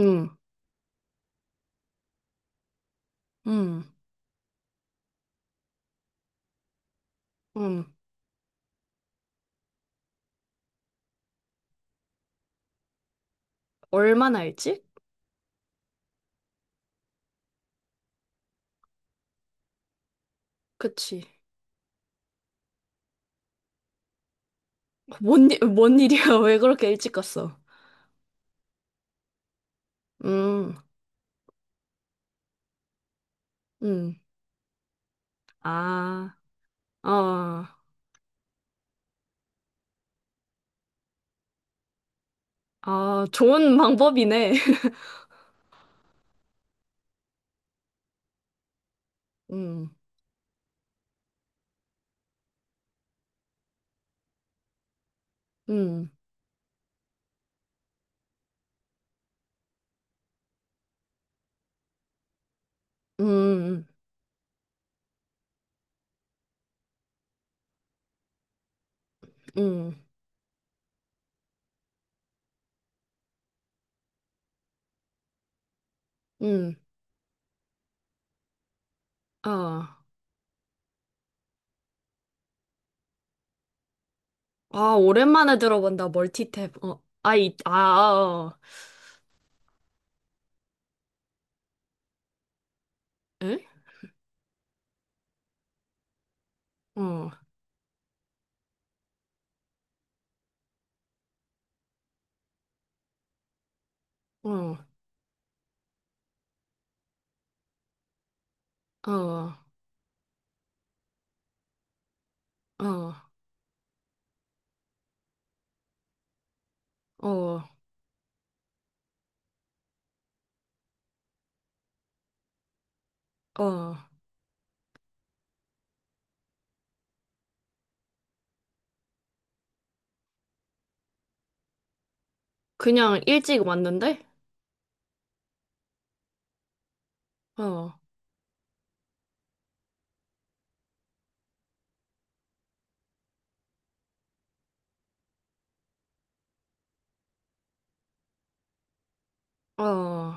응, 응, 응. 얼마나 일찍? 그치. 뭔, 뭔 일이야? 왜 그렇게 일찍 갔어? 음, 음. 아, 아, 아, 좋은 방법이네. 음, 음, 음, 음, 음. 아, 아, 오랜만에 들어본다. 멀티탭. 어, 아이, 아, 아, 어. 에? 어, 어, 어, 어, 어, 어. 그냥 일찍 왔는데? 어, 어,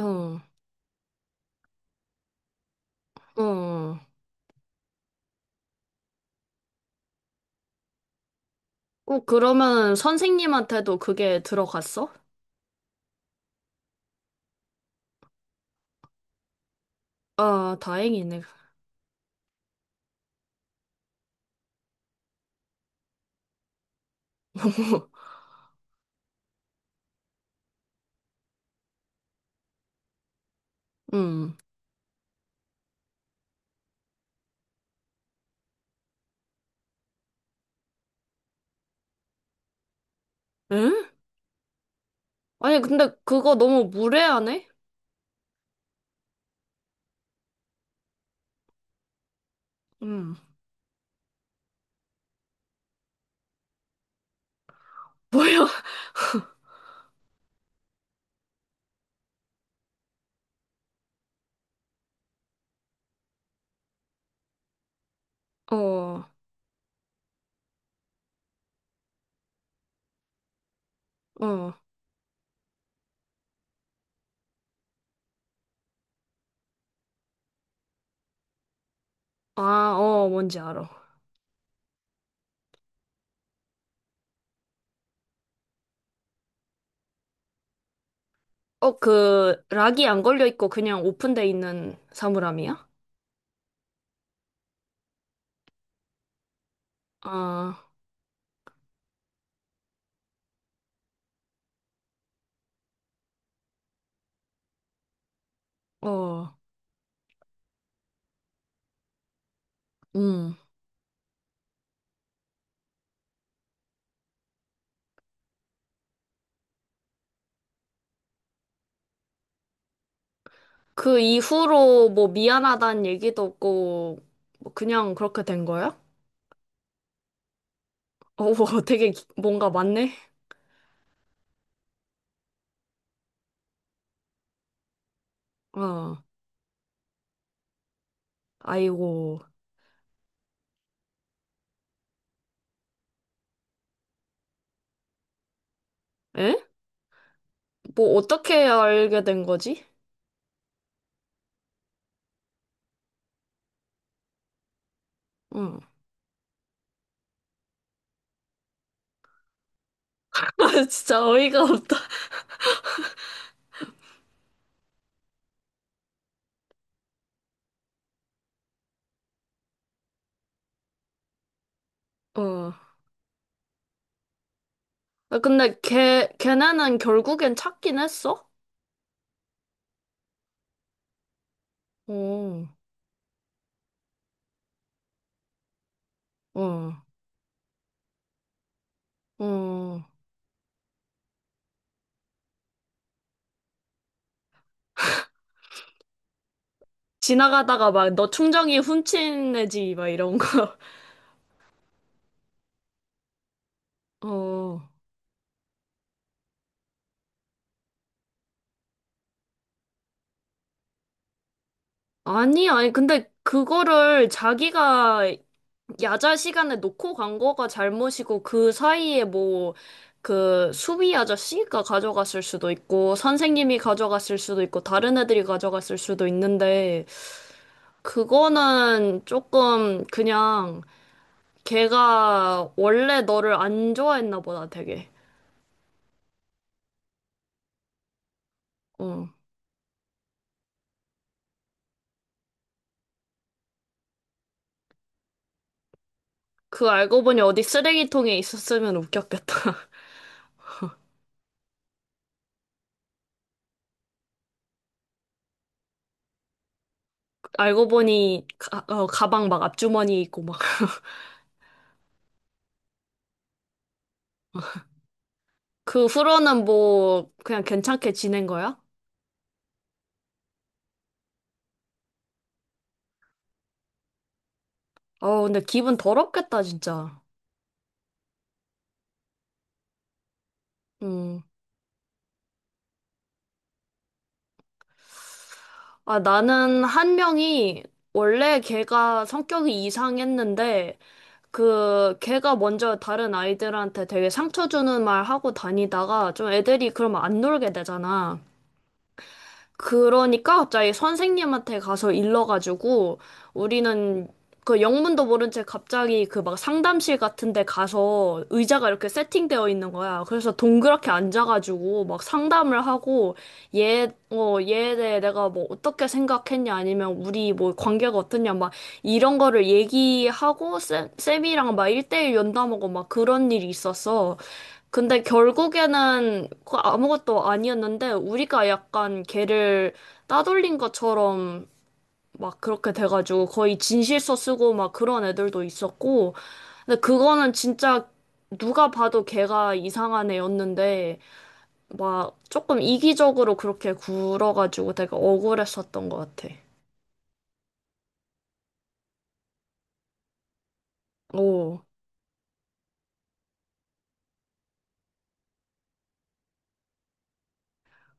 어. 어. 어, 그러면 선생님한테도 그게 들어갔어? 아, 다행이네. 음. 응? 아니, 근데 그거 너무 무례하네? 음. 뭐야? 어, 어. 아, 어, 뭔지 알아. 어, 그, 락이 안 걸려 있고 그냥 오픈돼 있는 사물함이야? 아, 어, 음. 그 이후로 뭐 미안하다는 얘기도 없고, 뭐 그냥 그렇게 된 거야? 어, 되게 뭔가 많네? 어, 아이고. 에? 뭐 어떻게 알게 된 거지? 응. 아, 진짜 어이가 없다. 어. 아, 근데 걔네는 결국엔 찾긴 했어? 어, 어, 어. 지나가다가 막 너 충전기 훔친 애지, 막 이런 거. 어. 아니, 아니, 근데 그거를 자기가 야자 시간에 놓고 간 거가 잘못이고 그 사이에 뭐 그 수비 아저씨가 가져갔을 수도 있고 선생님이 가져갔을 수도 있고 다른 애들이 가져갔을 수도 있는데 그거는 조금 그냥 걔가 원래 너를 안 좋아했나 보다 되게. 어. 그 알고 보니 어디 쓰레기통에 있었으면 웃겼겠다. 알고 보니 가, 어, 가방 막 앞주머니 있고 막. 그 후로는 뭐 그냥 괜찮게 지낸 거야? 어, 근데 기분 더럽겠다, 진짜. 음. 아, 나는 한 명이 원래 걔가 성격이 이상했는데 그 걔가 먼저 다른 아이들한테 되게 상처 주는 말 하고 다니다가 좀 애들이 그러면 안 놀게 되잖아. 그러니까 갑자기 선생님한테 가서 일러가지고 우리는 그 영문도 모른 채 갑자기 그 막 상담실 같은 데 가서 의자가 이렇게 세팅되어 있는 거야. 그래서 동그랗게 앉아가지고 막 상담을 하고 얘, 어, 얘에 대해 내가 뭐 어떻게 생각했냐 아니면 우리 뭐 관계가 어떻냐 막 이런 거를 얘기하고 쌤이랑 막 1대1 연담하고 막 그런 일이 있었어. 근데 결국에는 그 아무것도 아니었는데 우리가 약간 걔를 따돌린 것처럼 막 그렇게 돼가지고 거의 진실서 쓰고 막 그런 애들도 있었고 근데 그거는 진짜 누가 봐도 걔가 이상한 애였는데 막 조금 이기적으로 그렇게 굴어가지고 되게 억울했었던 것 같아. 오.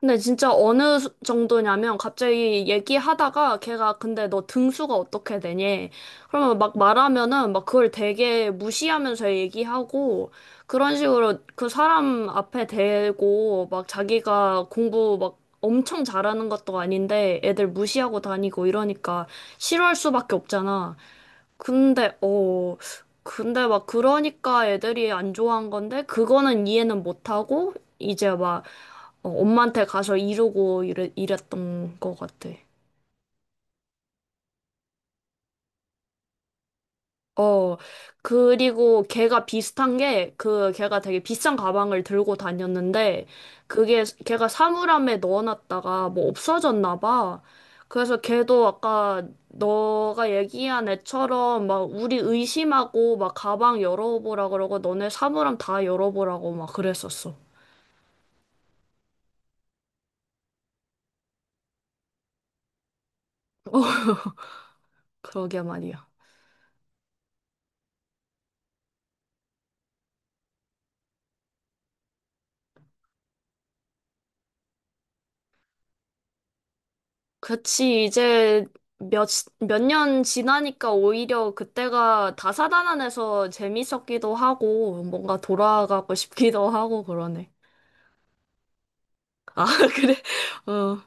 근데 진짜 어느 정도냐면 갑자기 얘기하다가 걔가 근데 너 등수가 어떻게 되니? 그러면 막 말하면은 막 그걸 되게 무시하면서 얘기하고 그런 식으로 그 사람 앞에 대고 막 자기가 공부 막 엄청 잘하는 것도 아닌데 애들 무시하고 다니고 이러니까 싫어할 수밖에 없잖아. 근데, 어, 근데 막 그러니까 애들이 안 좋아한 건데, 그거는 이해는 못하고, 이제 막 어, 엄마한테 가서 이러고 이랬던 것 같아. 어, 그리고 걔가 비슷한 게, 그, 걔가 되게 비싼 가방을 들고 다녔는데, 걔가 사물함에 넣어놨다가 뭐 없어졌나 봐. 그래서 걔도 아까 너가 얘기한 애처럼 막 우리 의심하고 막 가방 열어보라 그러고 너네 사물함 다 열어보라고 막 그랬었어. 그러게 말이야. 그치, 이제 몇, 몇 년 지나니까 오히려 그때가 다사다난해서 재밌었기도 하고, 뭔가 돌아가고 싶기도 하고 그러네. 아, 그래. 어,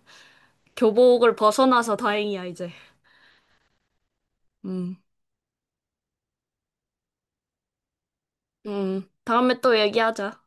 교복을 벗어나서 다행이야, 이제. 음, 다음에 또 얘기하자.